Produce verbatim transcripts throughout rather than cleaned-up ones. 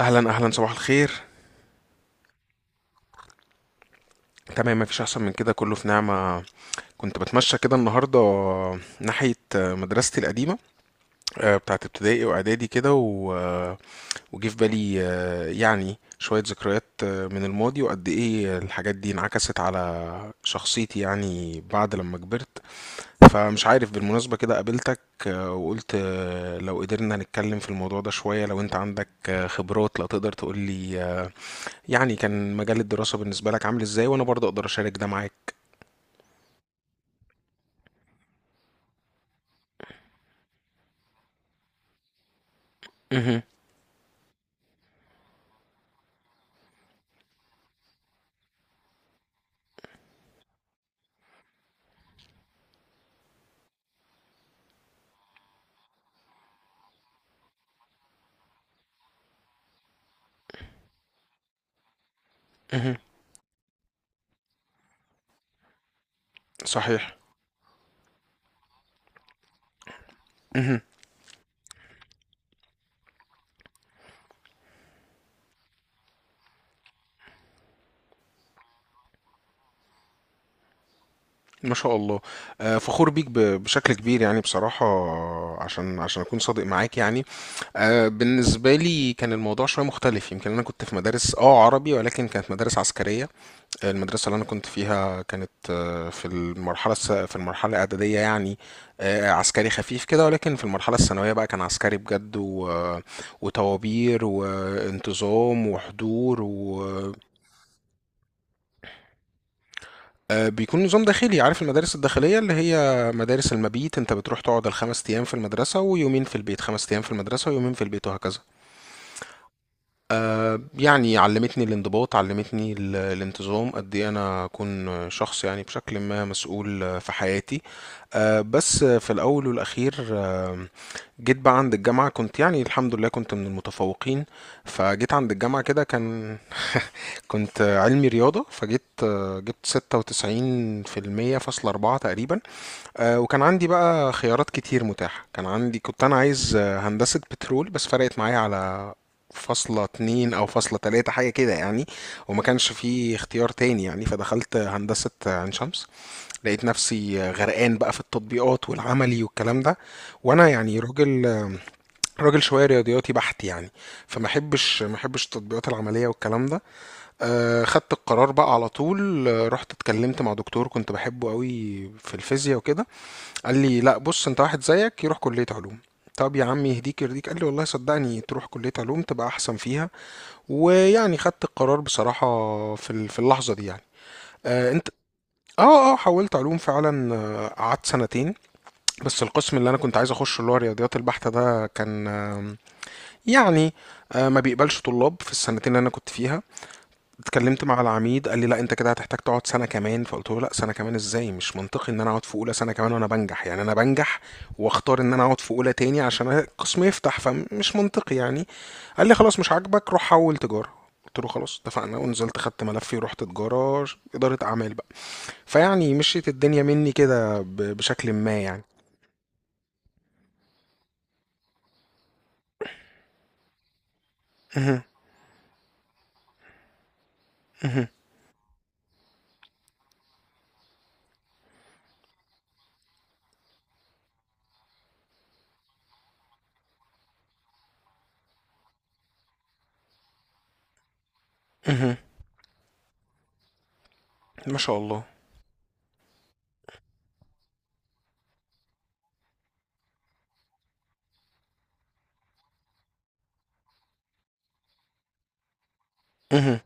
اهلا اهلا، صباح الخير. تمام، مفيش احسن من كده، كله في نعمه. كنت بتمشى كده النهارده ناحيه مدرستي القديمه، آه، بتاعت ابتدائي واعدادي كده و- وجه في بالي، آه، يعني شويه ذكريات آه، من الماضي، وقد ايه الحاجات دي انعكست على شخصيتي يعني بعد لما كبرت. فمش عارف بالمناسبه كده قابلتك، آه، وقلت آه، لو قدرنا نتكلم في الموضوع ده شويه، لو انت عندك آه، خبرات لا تقدر تقولي يعني كان مجال الدراسة بالنسبة لك عامل ازاي، وانا برضه اقدر اشارك ده معاك. مهم. مهم. صحيح. مهم. ما شاء الله. آه، فخور بيك ب- بشكل كبير يعني، بصراحة عشان عشان أكون صادق معاك يعني. آه، بالنسبة لي كان الموضوع شوية مختلف. يمكن أنا كنت في مدارس اه عربي، ولكن كانت مدارس عسكرية. المدرسة اللي أنا كنت فيها كانت، آه، في المرحلة الس... في المرحلة الإعدادية يعني، آه، عسكري خفيف كده، ولكن في المرحلة الثانوية بقى كان عسكري بجد و... آه، وطوابير وانتظام وحضور و... آه، بيكون نظام داخلي. عارف المدارس الداخلية اللي هي مدارس المبيت، أنت بتروح تقعد الخمس أيام في المدرسة ويومين في البيت، خمس أيام في المدرسة ويومين في البيت، وهكذا. يعني علمتني الانضباط، علمتني ال- الانتظام، قد ايه انا اكون شخص يعني بشكل ما مسؤول في حياتي. آه، بس في الاول والاخير، آه، جيت بقى عند الجامعة كنت، يعني الحمد لله كنت من المتفوقين. فجيت عند الجامعة كده كان، كنت علمي رياضة، فجيت آه، جبت ستة وتسعين في المية فاصلة أربعة تقريبا. آه، وكان عندي بقى خيارات كتير متاحة، كان عندي كنت أنا عايز آه، هندسة بترول، بس فرقت معايا على فاصلة اتنين أو فاصلة تلاتة حاجة كده يعني. وما كانش فيه اختيار تاني يعني، فدخلت آه، هندسة آه، عين شمس. لقيت نفسي آه، غرقان بقى في التطبيقات والعملي والكلام ده، وأنا يعني راجل، آه، راجل شوية رياضياتي بحت يعني. فما احبش ما احبش التطبيقات العملية والكلام ده. آه، خدت القرار بقى على طول، آه، رحت اتكلمت مع دكتور كنت بحبه قوي في الفيزياء وكده. قال لي لا بص، انت واحد زيك يروح كلية علوم. طب يا عم يهديك يرضيك، قال لي والله صدقني، تروح كلية علوم تبقى احسن فيها. ويعني خدت القرار بصراحة في ال- في اللحظة دي يعني. آه انت. اه اه، حولت علوم فعلا. آه، قعدت سنتين، بس القسم اللي انا كنت عايز اخشه اللي هو الرياضيات البحتة ده كان، آم، يعني آه، ما بيقبلش طلاب في السنتين اللي انا كنت فيها. اتكلمت مع العميد، قال لي لا انت كده هتحتاج تقعد سنه كمان. فقلت له لا، سنه كمان ازاي؟ مش منطقي ان انا اقعد في اولى سنه كمان وانا بنجح، يعني انا بنجح واختار ان انا اقعد في اولى تاني عشان القسم يفتح، فمش منطقي يعني. قال لي خلاص مش عاجبك، روح حول تجاره. قلت له خلاص اتفقنا، ونزلت خدت ملفي ورحت تجاره، اداره اعمال بقى. فيعني مشيت الدنيا مني كده، ب- بشكل ما يعني. مهم. مهم. مهم. ما شاء الله. مهم.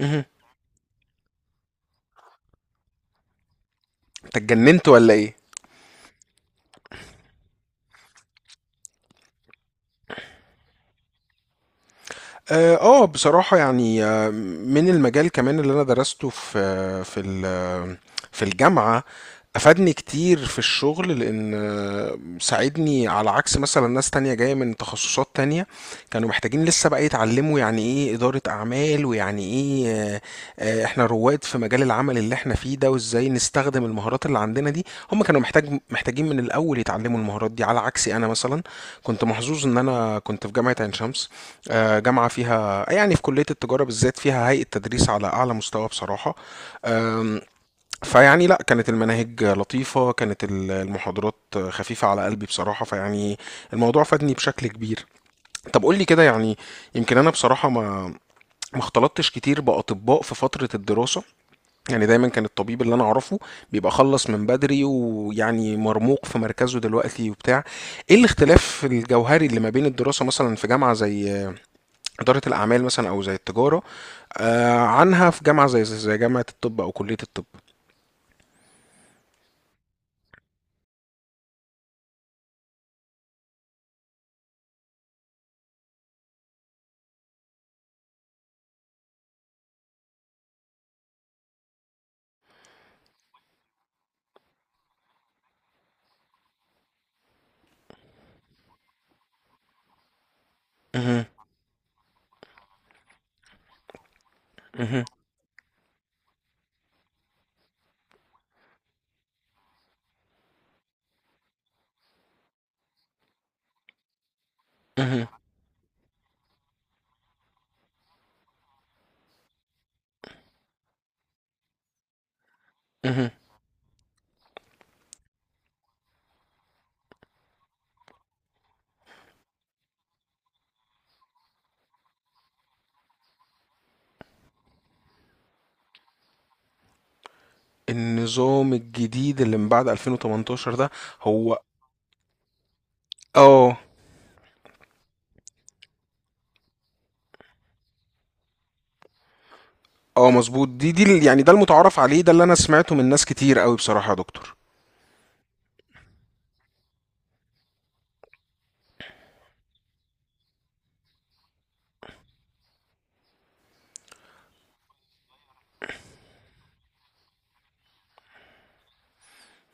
مهم. انت اتجننت ولا ايه؟ اه، آه، بصراحة يعني، آه، من المجال كمان اللي انا درسته في، آه، في ال- آه، في الجامعة افادني كتير في الشغل، لان آه، ساعدني على عكس مثلا ناس تانية جاية من تخصصات تانية، كانوا محتاجين لسه بقى يتعلموا يعني ايه إدارة اعمال، ويعني ايه آه، آه، احنا رواد في مجال العمل اللي احنا فيه ده، وازاي نستخدم المهارات اللي عندنا دي. هم كانوا محتاج محتاجين من الاول يتعلموا المهارات دي، على عكسي انا مثلا كنت محظوظ ان انا كنت في جامعة عين شمس. آه، جامعة فيها يعني، في كلية التجارة بالذات فيها هيئة تدريس على أعلى مستوى بصراحة. آم، فيعني لا، كانت المناهج لطيفة، كانت ال- المحاضرات خفيفة على قلبي بصراحة، فيعني الموضوع فادني بشكل كبير. طب قول لي كده يعني، يمكن أنا بصراحة ما، ما اختلطتش كتير بأطباء في فترة الدراسة. يعني دايما كان الطبيب اللي أنا أعرفه بيبقى خلص من بدري، ويعني مرموق في مركزه دلوقتي وبتاع. إيه الاختلاف الجوهري اللي ما بين الدراسة مثلا في جامعة زي إدارة الأعمال مثلا أو زي التجارة، آه، عنها في جامعة زي زي جامعة الطب أو كلية الطب؟ مهم، مهم، مهم، مهم. النظام الجديد اللي من بعد ألفين وتمنتاشر ده؟ هو، اه اه مظبوط. دي دي ال- يعني ده المتعارف عليه، ده اللي أنا سمعته من ناس كتير قوي بصراحة يا دكتور.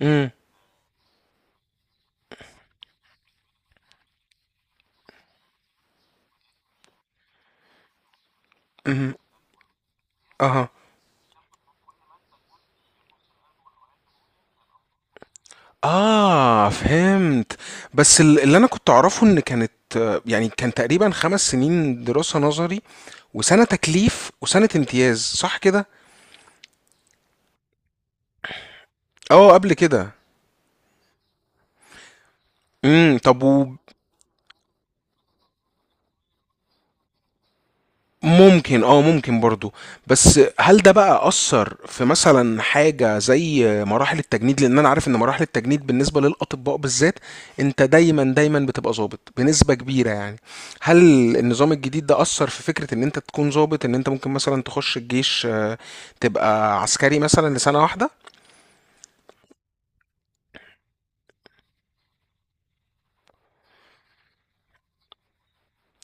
مم، مهم، اها. اه فهمت. بس ال- اللي انا كنت اعرفه ان كانت، آه، يعني كان تقريبا خمس سنين دراسة نظري وسنة تكليف وسنة امتياز، صح كده؟ اه قبل كده. امم طب. وممكن اه، ممكن برضو. بس هل ده بقى أثر في مثلا حاجة زي مراحل التجنيد؟ لأن أنا عارف إن مراحل التجنيد بالنسبة للأطباء بالذات، أنت دايما دايما بتبقى ظابط بنسبة كبيرة يعني. هل النظام الجديد ده أثر في فكرة إن أنت تكون ظابط، إن أنت ممكن مثلا تخش الجيش، آه، تبقى عسكري مثلا لسنة واحدة؟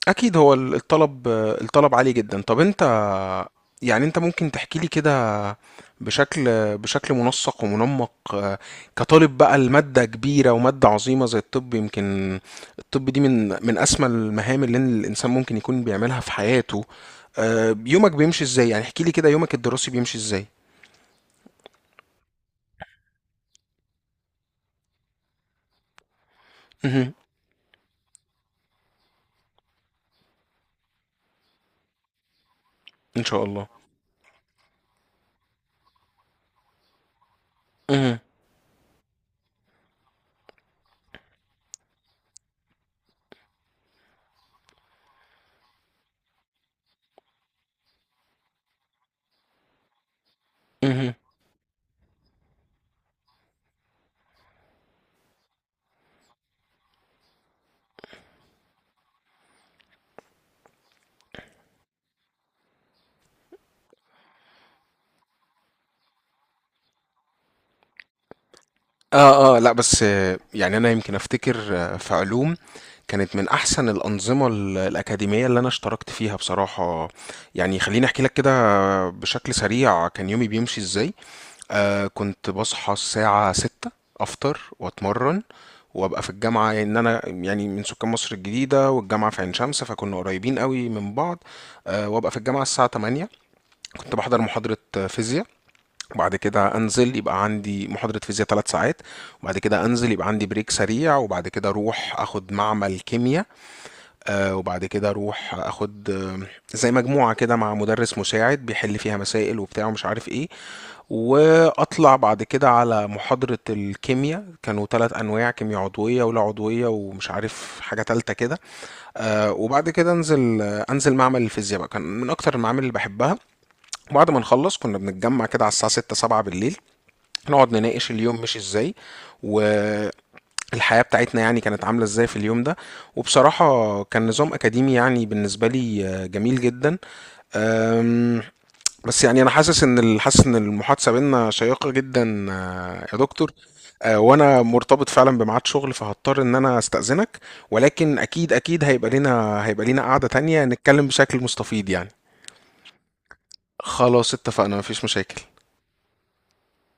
اكيد، هو ال- الطلب الطلب عالي جدا. طب انت، يعني انت ممكن تحكي لي كده بشكل بشكل منسق ومنمق، آه، كطالب بقى، المادة كبيرة ومادة عظيمة زي الطب. يمكن الطب دي من من اسمى المهام اللي الانسان ممكن يكون بيعملها في حياته. آه، يومك بيمشي ازاي؟ يعني احكي لي كده يومك الدراسي بيمشي ازاي. مهم. ان شاء الله. مهم. مهم. اه اه لا، بس آه، يعني انا يمكن افتكر آه، في علوم كانت من احسن الانظمه ال- الاكاديميه اللي انا اشتركت فيها بصراحه. يعني خليني احكي لك كده بشكل سريع كان يومي بيمشي ازاي. آه كنت بصحى الساعه ستة، افطر واتمرن، وابقى في الجامعه، ان انا يعني من سكان مصر الجديده والجامعه في عين شمس، فكنا قريبين قوي من بعض. آه، وابقى في الجامعه الساعه تمانية، كنت بحضر محاضره فيزياء. وبعد كده انزل، يبقى عندي محاضرة فيزياء ثلاث ساعات. وبعد كده انزل يبقى عندي بريك سريع. وبعد كده اروح اخد معمل كيمياء، آه، وبعد كده اروح اخد آه، زي مجموعة كده مع مدرس مساعد بيحل فيها مسائل وبتاع ومش عارف ايه. واطلع بعد كده على محاضرة الكيمياء، كانوا ثلاث انواع، كيمياء عضوية ولا عضوية ومش عارف حاجة تالتة كده. آه، وبعد كده انزل آه، انزل معمل الفيزياء بقى، كان من اكتر المعامل اللي بحبها. وبعد ما نخلص كنا بنتجمع كده على الساعة ستة سبعة بالليل، نقعد نناقش اليوم مشي ازاي، والحياة بتاعتنا يعني كانت عاملة ازاي في اليوم ده. وبصراحة كان نظام أكاديمي يعني بالنسبة لي آه، جميل جدا. أم، بس يعني أنا حاسس إن ال- حاسس إن المحادثة بينا شيقة جدا، آه، يا دكتور. آه، وأنا مرتبط فعلا بميعاد شغل، فهضطر إن أنا أستأذنك. ولكن أكيد أكيد هيبقى لنا هيبقى لنا قعدة تانية نتكلم بشكل مستفيض يعني. خلاص اتفقنا، مفيش مشاكل.